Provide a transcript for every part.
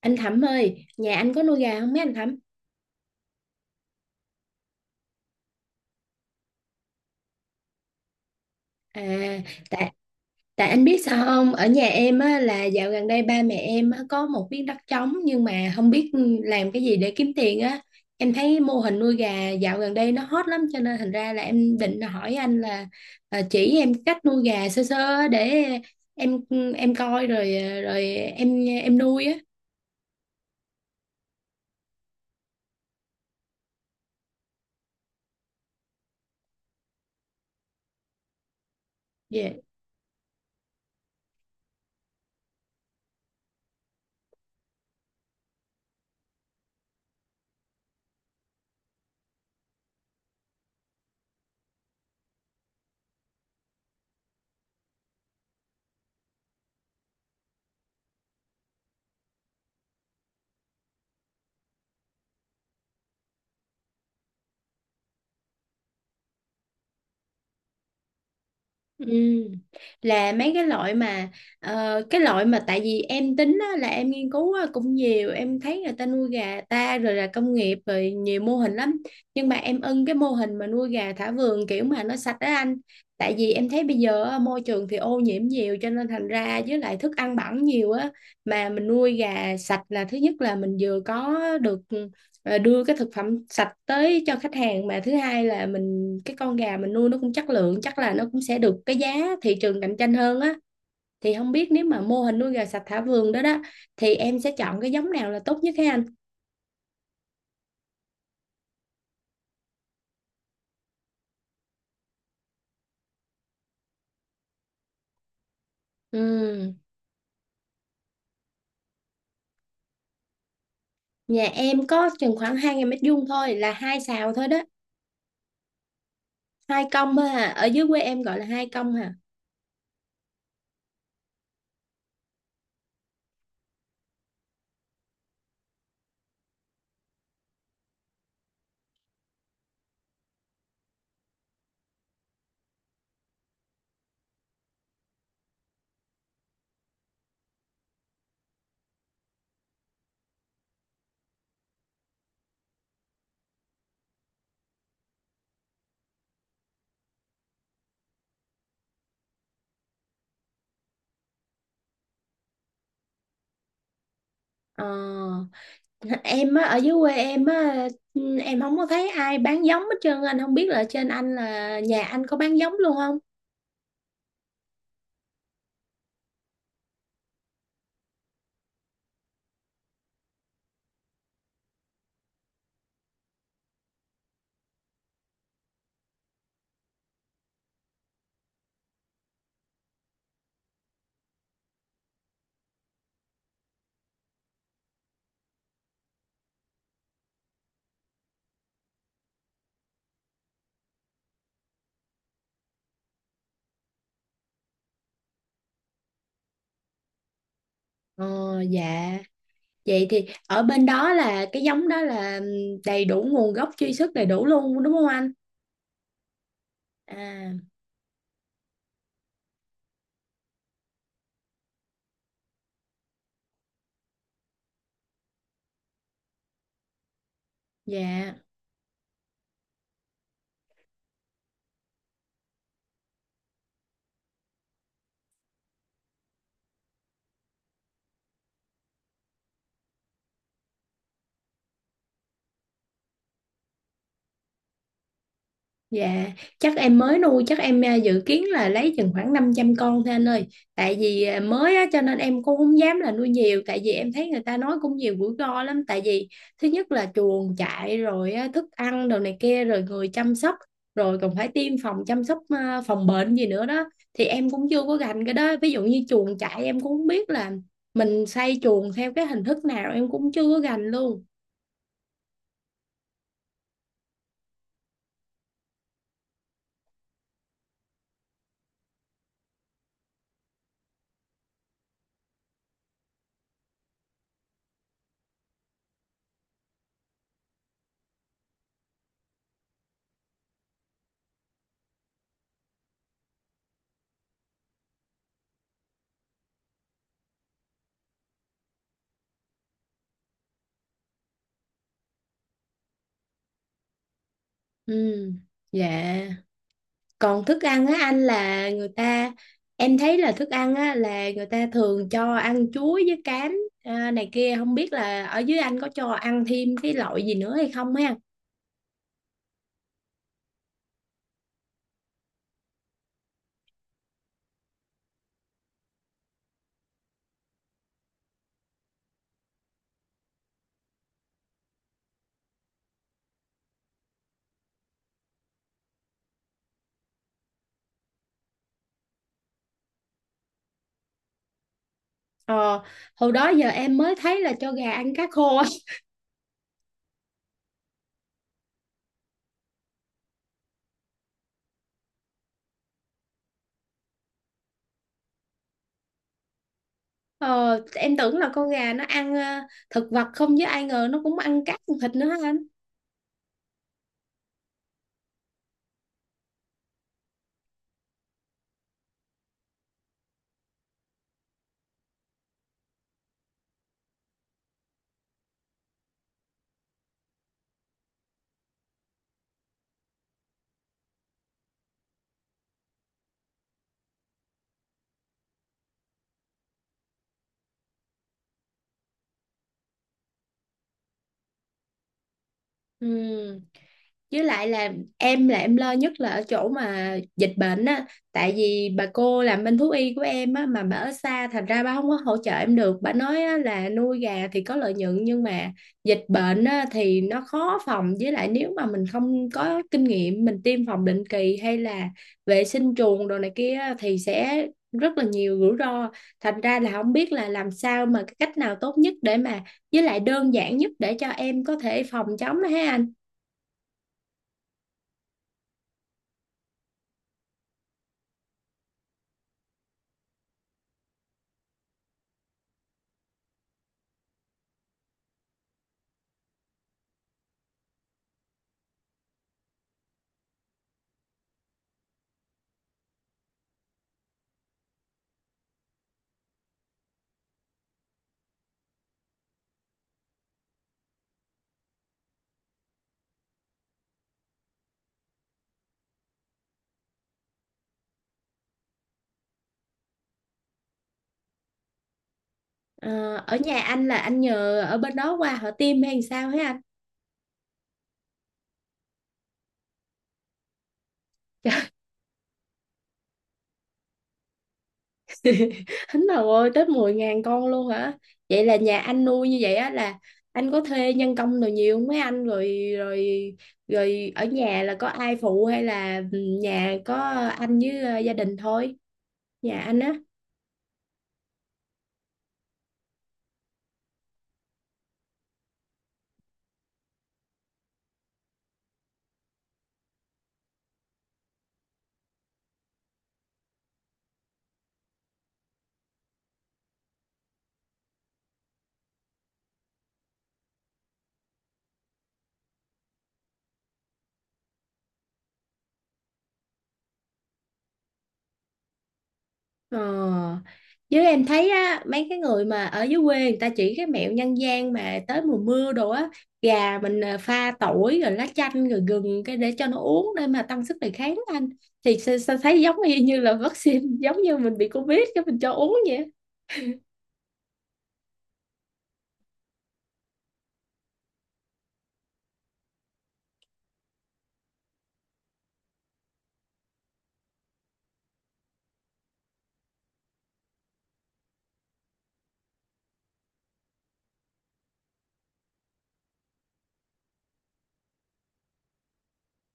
Anh Thẩm ơi, nhà anh có nuôi gà không mấy anh Thẩm? À, tại tại anh biết sao không? Ở nhà em á, là dạo gần đây ba mẹ em á, có một miếng đất trống nhưng mà không biết làm cái gì để kiếm tiền á. Em thấy mô hình nuôi gà dạo gần đây nó hot lắm cho nên thành ra là em định hỏi anh là à, chỉ em cách nuôi gà sơ sơ á để em em coi rồi à, rồi em nuôi á. Dạ. Ừ. Là mấy cái loại mà ờ, cái loại mà tại vì em tính á, là em nghiên cứu á, cũng nhiều em thấy người ta nuôi gà ta rồi là công nghiệp rồi nhiều mô hình lắm nhưng mà em ưng cái mô hình mà nuôi gà thả vườn kiểu mà nó sạch đó anh, tại vì em thấy bây giờ á, môi trường thì ô nhiễm nhiều cho nên thành ra với lại thức ăn bẩn nhiều á, mà mình nuôi gà sạch là thứ nhất là mình vừa có được và đưa cái thực phẩm sạch tới cho khách hàng, mà thứ hai là mình cái con gà mình nuôi nó cũng chất lượng, chắc là nó cũng sẽ được cái giá thị trường cạnh tranh hơn á, thì không biết nếu mà mô hình nuôi gà sạch thả vườn đó đó thì em sẽ chọn cái giống nào là tốt nhất hả anh? Ừ. Nhà em có chừng khoảng hai 000 mét vuông thôi, là hai sào thôi đó, hai công thôi à, ở dưới quê em gọi là hai công hả. Ờ, em á, ở dưới quê em á, em không có thấy ai bán giống hết trơn, anh không biết là trên anh, là nhà anh có bán giống luôn không? Ờ, dạ, vậy thì ở bên đó là cái giống đó là đầy đủ nguồn gốc, truy xuất đầy đủ luôn đúng không anh? À, dạ. Dạ, chắc em mới nuôi, chắc em à, dự kiến là lấy chừng khoảng 500 con thôi anh ơi. Tại vì à, mới á, cho nên em cũng không dám là nuôi nhiều. Tại vì em thấy người ta nói cũng nhiều rủi ro lắm. Tại vì thứ nhất là chuồng trại, rồi á, thức ăn, đồ này kia, rồi người chăm sóc. Rồi còn phải tiêm phòng, chăm sóc à, phòng bệnh gì nữa đó. Thì em cũng chưa có gành cái đó. Ví dụ như chuồng trại em cũng không biết là mình xây chuồng theo cái hình thức nào, em cũng chưa có gành luôn. Ừ, dạ. Còn thức ăn á anh, là người ta, em thấy là thức ăn á là người ta thường cho ăn chuối với cám à, này kia, không biết là ở dưới anh có cho ăn thêm cái loại gì nữa hay không ha? Ờ, hồi đó giờ em mới thấy là cho gà ăn cá khô á. Ờ, em tưởng là con gà nó ăn ờ, thực vật không, với ai ngờ nó cũng ăn cát, ăn thịt nữa hả anh? Ừ, với lại là em lo nhất là ở chỗ mà dịch bệnh á, tại vì bà cô làm bên thú y của em á mà bà ở xa, thành ra bà không có hỗ trợ em được, bà nói á, là nuôi gà thì có lợi nhuận nhưng mà dịch bệnh á, thì nó khó phòng, với lại nếu mà mình không có kinh nghiệm, mình tiêm phòng định kỳ hay là vệ sinh chuồng đồ này kia á, thì sẽ rất là nhiều rủi ro, thành ra là không biết là làm sao mà cái cách nào tốt nhất để mà, với lại đơn giản nhất để cho em có thể phòng chống đó ha anh? Ờ, ở nhà anh là anh nhờ ở bên đó qua họ tiêm hay sao hả anh? Trời, hính đầu ơi, tới 10.000 con luôn hả? Vậy là nhà anh nuôi như vậy á là anh có thuê nhân công rồi nhiều không mấy anh, rồi rồi rồi ở nhà là có ai phụ hay là ừ, nhà có anh với ờ, gia đình thôi? Nhà anh á. Ờ. Với em thấy á, mấy cái người mà ở dưới quê người ta chỉ cái mẹo nhân gian mà tới mùa mưa đồ á, gà mình à, pha tỏi rồi lá chanh rồi gừng cái để cho nó uống để mà tăng sức đề kháng á anh, thì sao, sao thấy giống y như là vaccine giống như mình bị covid cái mình cho uống vậy.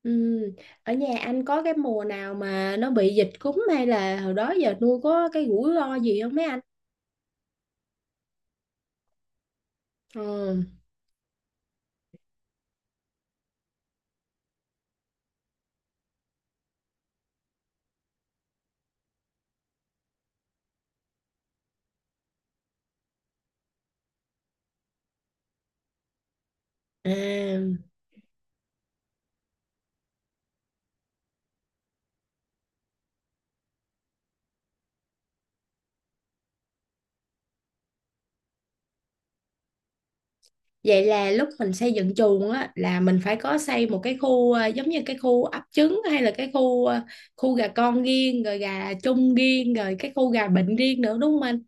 Ừ. Ở nhà anh có cái mùa nào mà nó bị dịch cúm hay là hồi đó giờ nuôi có cái rủi ro gì không mấy anh? Ừ. À. Vậy là lúc mình xây dựng chuồng á là mình phải có xây một cái khu ờ, giống như cái khu ấp trứng hay là cái khu ờ, khu gà con riêng rồi gà chung riêng rồi cái khu gà bệnh riêng nữa đúng không anh?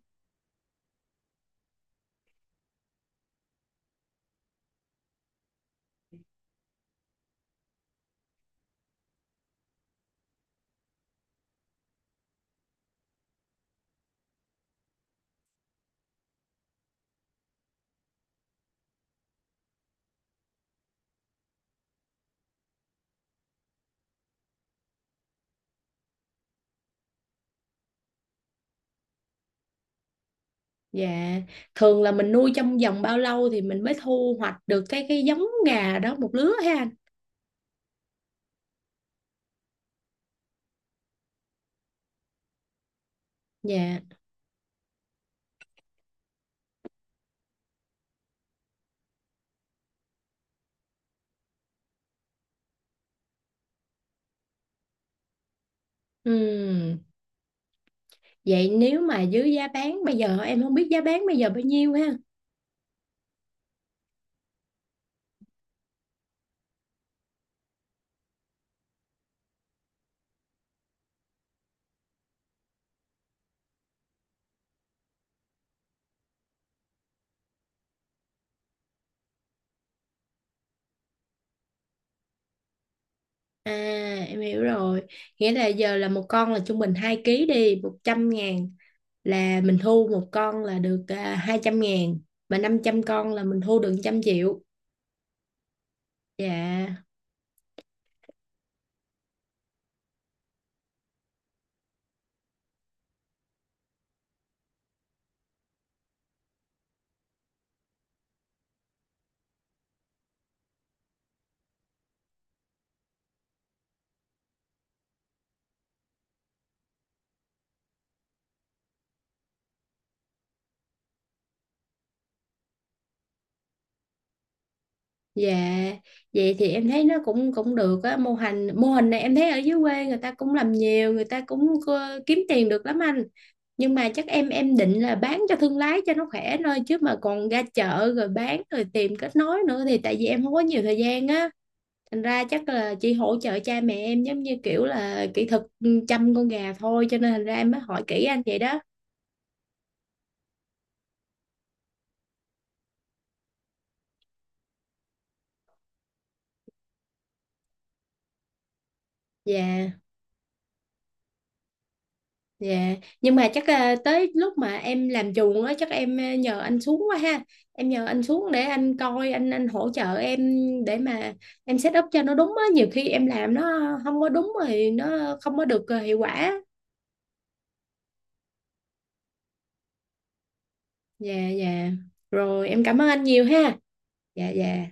Dạ, thường là mình nuôi trong vòng bao lâu thì mình mới thu hoạch được cái giống gà đó một lứa ha anh? Dạ. Ừm, vậy nếu mà dưới giá bán bây giờ em không biết giá bán bây giờ bao nhiêu ha. À, em hiểu rồi. Nghĩa là giờ là một con là trung bình 2 ký đi, 100.000, là mình thu một con là được à, 200.000, mà 500 con là mình thu được 100.000.000. Dạ dạ. Vậy thì em thấy nó cũng cũng được á, mô hình này em thấy ở dưới quê người ta cũng làm nhiều, người ta cũng ờ, kiếm tiền được lắm anh, nhưng mà chắc em định là bán cho thương lái cho nó khỏe thôi, chứ mà còn ra chợ rồi bán rồi tìm kết nối nữa thì tại vì em không có nhiều thời gian á, thành ra chắc là chỉ hỗ trợ cha mẹ em giống như kiểu là kỹ thuật ừ, chăm con gà thôi, cho nên thành ra em mới hỏi kỹ anh vậy đó. Dạ, dạ. Nhưng mà chắc à, tới lúc mà em làm chuồng á, chắc em à, nhờ anh xuống quá ha. Em nhờ anh xuống để anh coi, anh hỗ trợ em, để mà em set up cho nó đúng á, nhiều khi em làm nó không có đúng rồi nó không có được à, hiệu quả. Dạ dạ. Rồi em cảm ơn anh nhiều ha. Dạ dạ.